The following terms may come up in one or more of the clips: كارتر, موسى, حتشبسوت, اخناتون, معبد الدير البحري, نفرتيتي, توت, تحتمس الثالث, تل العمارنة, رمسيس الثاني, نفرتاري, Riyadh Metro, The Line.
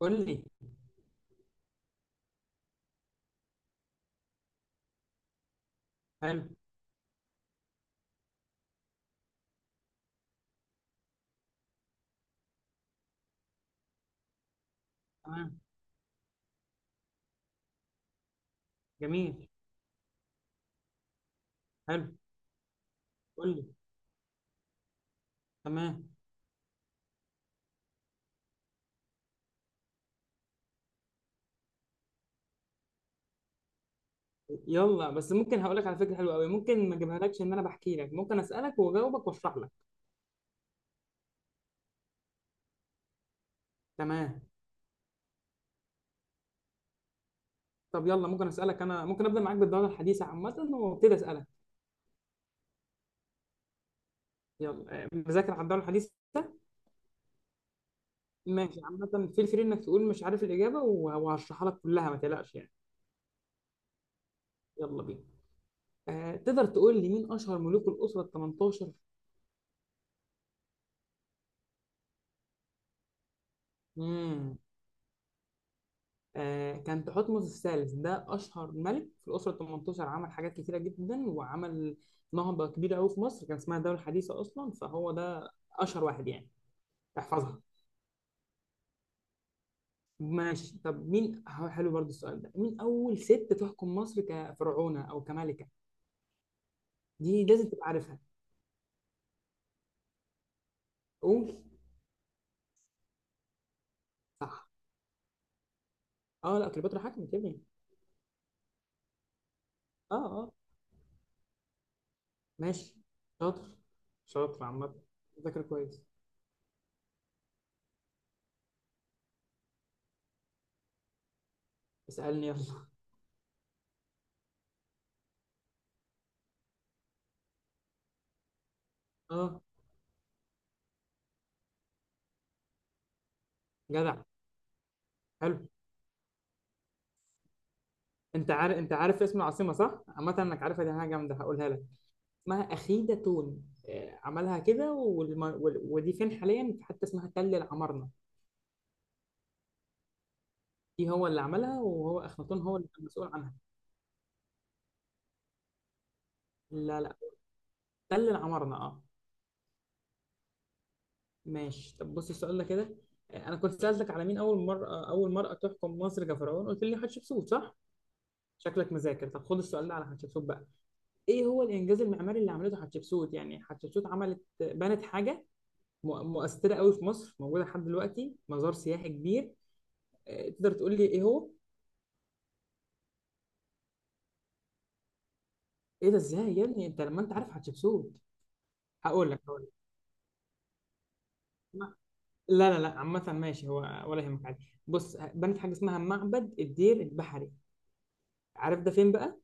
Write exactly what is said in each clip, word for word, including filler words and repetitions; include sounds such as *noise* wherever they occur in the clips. قول لي. حلو. تمام. جميل. حلو. قول لي. تمام. يلا، بس ممكن هقول لك على فكره حلوه قوي. ممكن ما اجيبها لكش، ان انا بحكي لك ممكن اسالك واجاوبك واشرح لك. تمام. طب يلا ممكن اسالك، انا ممكن ابدا معاك بالدوره الحديثه عامه وابتدي اسالك. يلا، آه، مذاكر على الدوره الحديثه. ماشي، عامه فيل فري انك تقول مش عارف الاجابه وه- وهشرحها لك كلها، ما تقلقش يعني. يلا بينا. آه، تقدر تقول لي مين اشهر ملوك الاسره ال تمنتاشر؟ آه، كان تحتمس الثالث، ده أشهر ملك في الأسرة التمنتاشر، عمل حاجات كتيرة جدا، وعمل نهضة كبيرة أوي في مصر، كان اسمها الدولة الحديثة أصلا، فهو ده أشهر واحد يعني. تحفظها. ماشي، طب مين ح- حلو برضو السؤال ده، مين أول ست تحكم مصر كفرعونة أو كملكة؟ دي لازم تبقى عارفها. قول. صح. أه، لا، كليوباترا حكمت يا ابني. أه. أه. ماشي. شاطر. شاطر عامة. ذاكر كويس. اسألني يلا. أه. جدع. حلو. انت عارف، انت عارف اسم العاصمه صح، عامه انك عارفها، دي حاجه جامده هقولها لك. اسمها اخيدة تون. آه، عملها كده، والم... وال- ودي فين حاليا، في حته اسمها تل العمارنه. دي هو اللي عملها، وهو اخناتون هو اللي كان مسؤول عنها. لا لا، تل العمارنه، اه. ماشي، طب بص السؤال ده كده. آه، انا كنت سالتك على مين اول مره اول مرأة تحكم مصر كفرعون، قلت لي حتشبسوت صح. شكلك مذاكر، طب خد السؤال ده على حتشبسوت بقى. ايه هو الانجاز المعماري اللي عملته حتشبسوت؟ يعني حتشبسوت عملت بنت حاجه مؤ- مؤثره قوي في مصر، موجوده لحد دلوقتي، مزار سياحي كبير. آه، تقدر تقول لي ايه هو؟ ايه ده، ازاي يا ابني انت لما انت عارف هتشبسوت! هقول لك هقول لك ما- لا لا لا، عامه ماشي. هو ولا يهمك، عادي. بص، بنت حاجه اسمها معبد الدير البحري، عارف ده فين بقى؟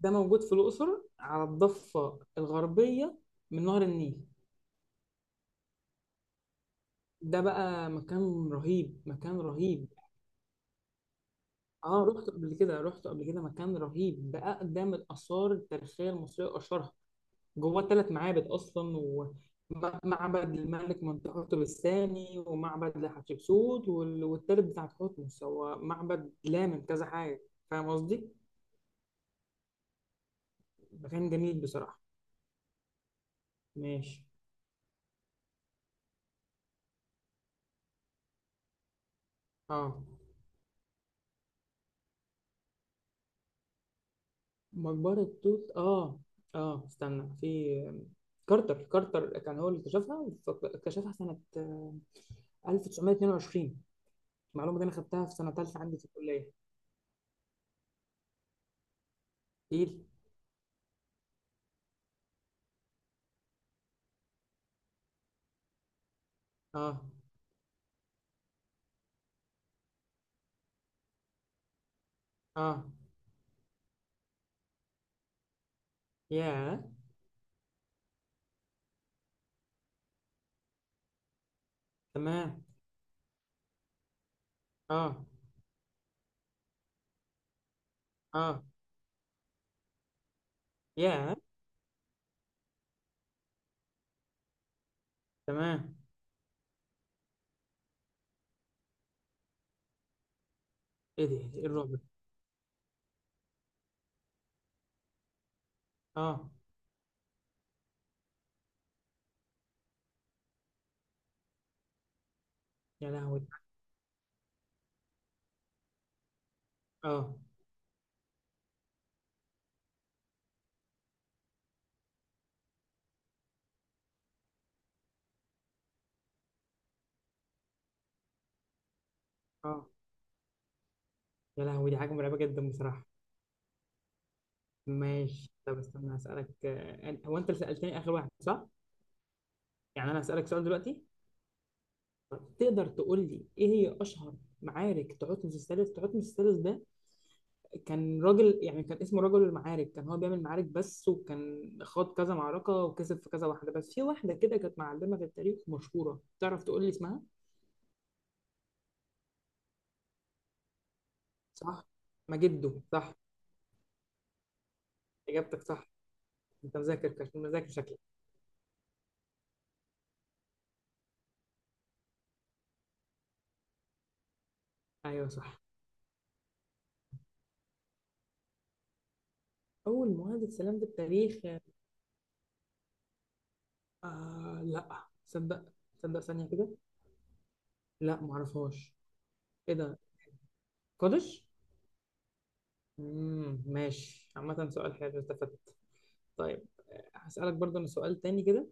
ده موجود في الاقصر، على الضفه الغربيه من نهر النيل. ده بقى مكان رهيب، مكان رهيب اه، رحت قبل كده رحت قبل كده مكان رهيب، ده اقدم الاثار التاريخيه المصريه واشهرها. جوه الثلاث معابد اصلا، ومعبد الملك منتخرطب الثاني، ومعبد لحتشبسوت، وال- والتالت بتاع تحتمس، هو معبد لامم كذا حاجه. فاهم قصدي. مكان جميل بصراحه. ماشي. اه، مقبره توت، اه. اه استنى، في كارتر، كارتر كان هو اللي اكتشفها، فك- اكتشفها سنه آه، ألف وتسعمية اتنين وعشرين. المعلومه دي انا خدتها في سنه ثالثه عندي في الكليه. تقيل. اه. اه. ياه. تمام. اه. اه. يا. تمام. ايه ده، ايه الرعب ده؟ اه. يا لهوي. اه. اه. يا لهوي، دي حاجه مرعبه جدا بصراحه. ماشي، طب استنى هسألك. آه، أنا- هو انت اللي سألتني اخر واحد صح؟ يعني انا هسألك سؤال دلوقتي. طب تقدر تقول لي ايه هي اشهر معارك تعوتمس الثالث؟ تعوتمس الثالث ده كان راجل يعني، كان اسمه رجل المعارك، كان هو بيعمل معارك بس، وكان خاض كذا معركه وكسب في كذا واحده، بس في واحده كده كانت معلمه في التاريخ مشهوره، تعرف تقول لي اسمها؟ صح؟ مجده، صح. اجابتك صح. انت مذاكر كش... مذاكر شكلك. ايوه صح. اول مواد السلام في التاريخ. آه لا تصدق، تصدق ثانيه كده، لا معرفهاش. ايه ده، قادش. امم، ماشي عامه، سؤال حلو، استفدت. طيب، آه، هسألك برضه أنا سؤال تاني كده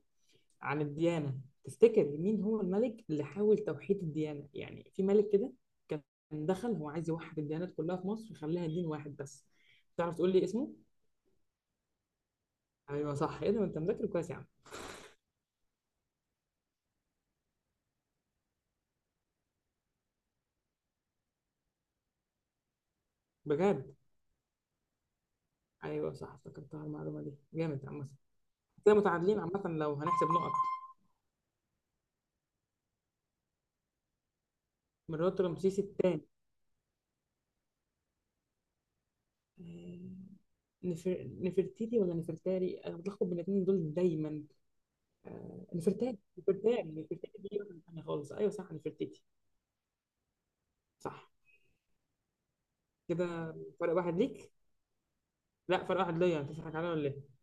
عن الديانة. تفتكر مين هو الملك اللي حاول توحيد الديانة؟ يعني في ملك كده كان دخل، هو عايز يوحد الديانات كلها في مصر ويخليها دين واحد بس، تعرف تقول لي اسمه؟ ايوه صح، ايه ده، ما انت مذاكر كويس يا عم! بجد. ايوه صح، افتكرتها، المعلومه دي جامد عامه. كده متعادلين عامه لو هنحسب نقط. مرات رمسيس الثاني. نفر... نفرتيتي ولا نفرتاري، انا بتلخبط بين الاثنين دول دايما. آه، نفرتاري، نفرتاري نفرتاري دي واحدة تانية خالص، ايوه صح نفرتيتي. صح. كده فرق واحد ليك. لا، فرق واحد ليا، انت بتضحك عليا ولا ايه.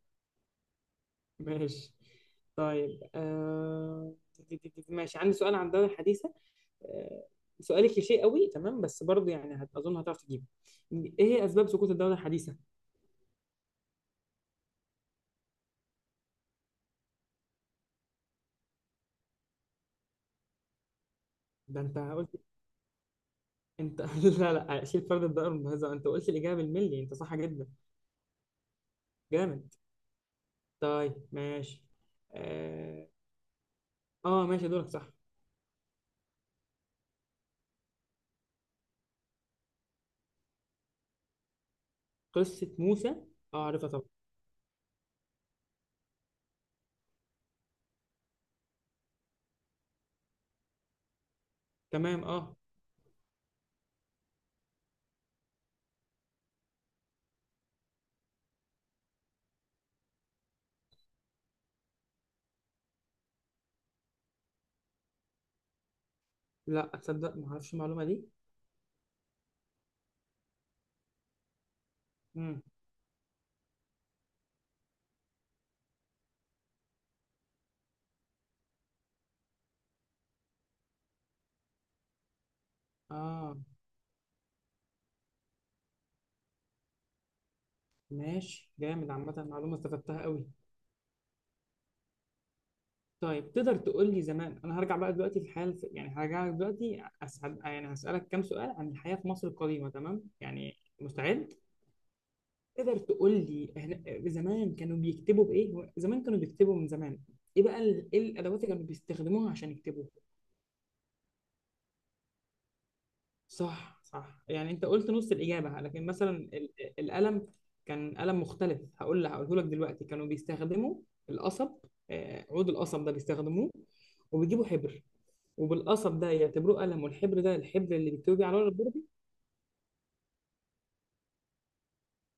ماشي. طيب، آه... دي- دي- دي- ماشي، عندي سؤال عن الدوري الحديثة. آه، سؤال كليشيه قوي، تمام، بس برضه يعني هت- اظن هتعرف تجيبه. ايه هي اسباب سقوط الدوله الحديثه؟ ده انت قلت. انت *laughs* لا لا، شيل فرد الدائره الممتازه، انت قلت الاجابه بالملي، انت صح جدا. جامد. طيب ماشي. اه. آه ماشي، دورك صح. قصه موسى. اه عارفها طبعا. تمام، اه. لا تصدق، ما اعرفش المعلومه دي. امم. اه. ماشي جامد عامه، معلومه استفدتها قوي. طيب، تقدر تقول لي زمان، انا هرجع بقى دلوقتي في الحياه الف... يعني هرجع لك دلوقتي، أسعد... يعني هسالك كام سؤال عن الحياه في مصر القديمه، تمام، يعني مستعد؟ تقدر تقول لي إحنا- زمان كانوا بيكتبوا بايه؟ زمان كانوا بيكتبوا من زمان، ايه بقى ال... ايه الادوات اللي كانوا بيستخدموها عشان يكتبوا؟ صح صح، يعني انت قلت نص الاجابه، لكن مثلا ال- القلم كان قلم مختلف. هقول لك، هقوله لك دلوقتي، كانوا بيستخدموا القصب. آه، عود القصب ده بيستخدموه، وبيجيبوا حبر، وبالقصب ده يعتبروه قلم، والحبر ده الحبر اللي بيكتبوا بيه على ورق البردي.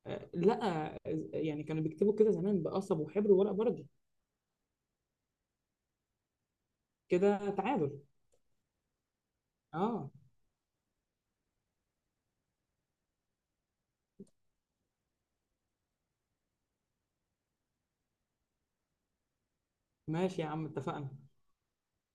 آه، لا، يعني كانوا بيكتبوا كده زمان، بقصب وحبر وورق بردي. كده تعادل. اه. ماشي يا عم، اتفقنا.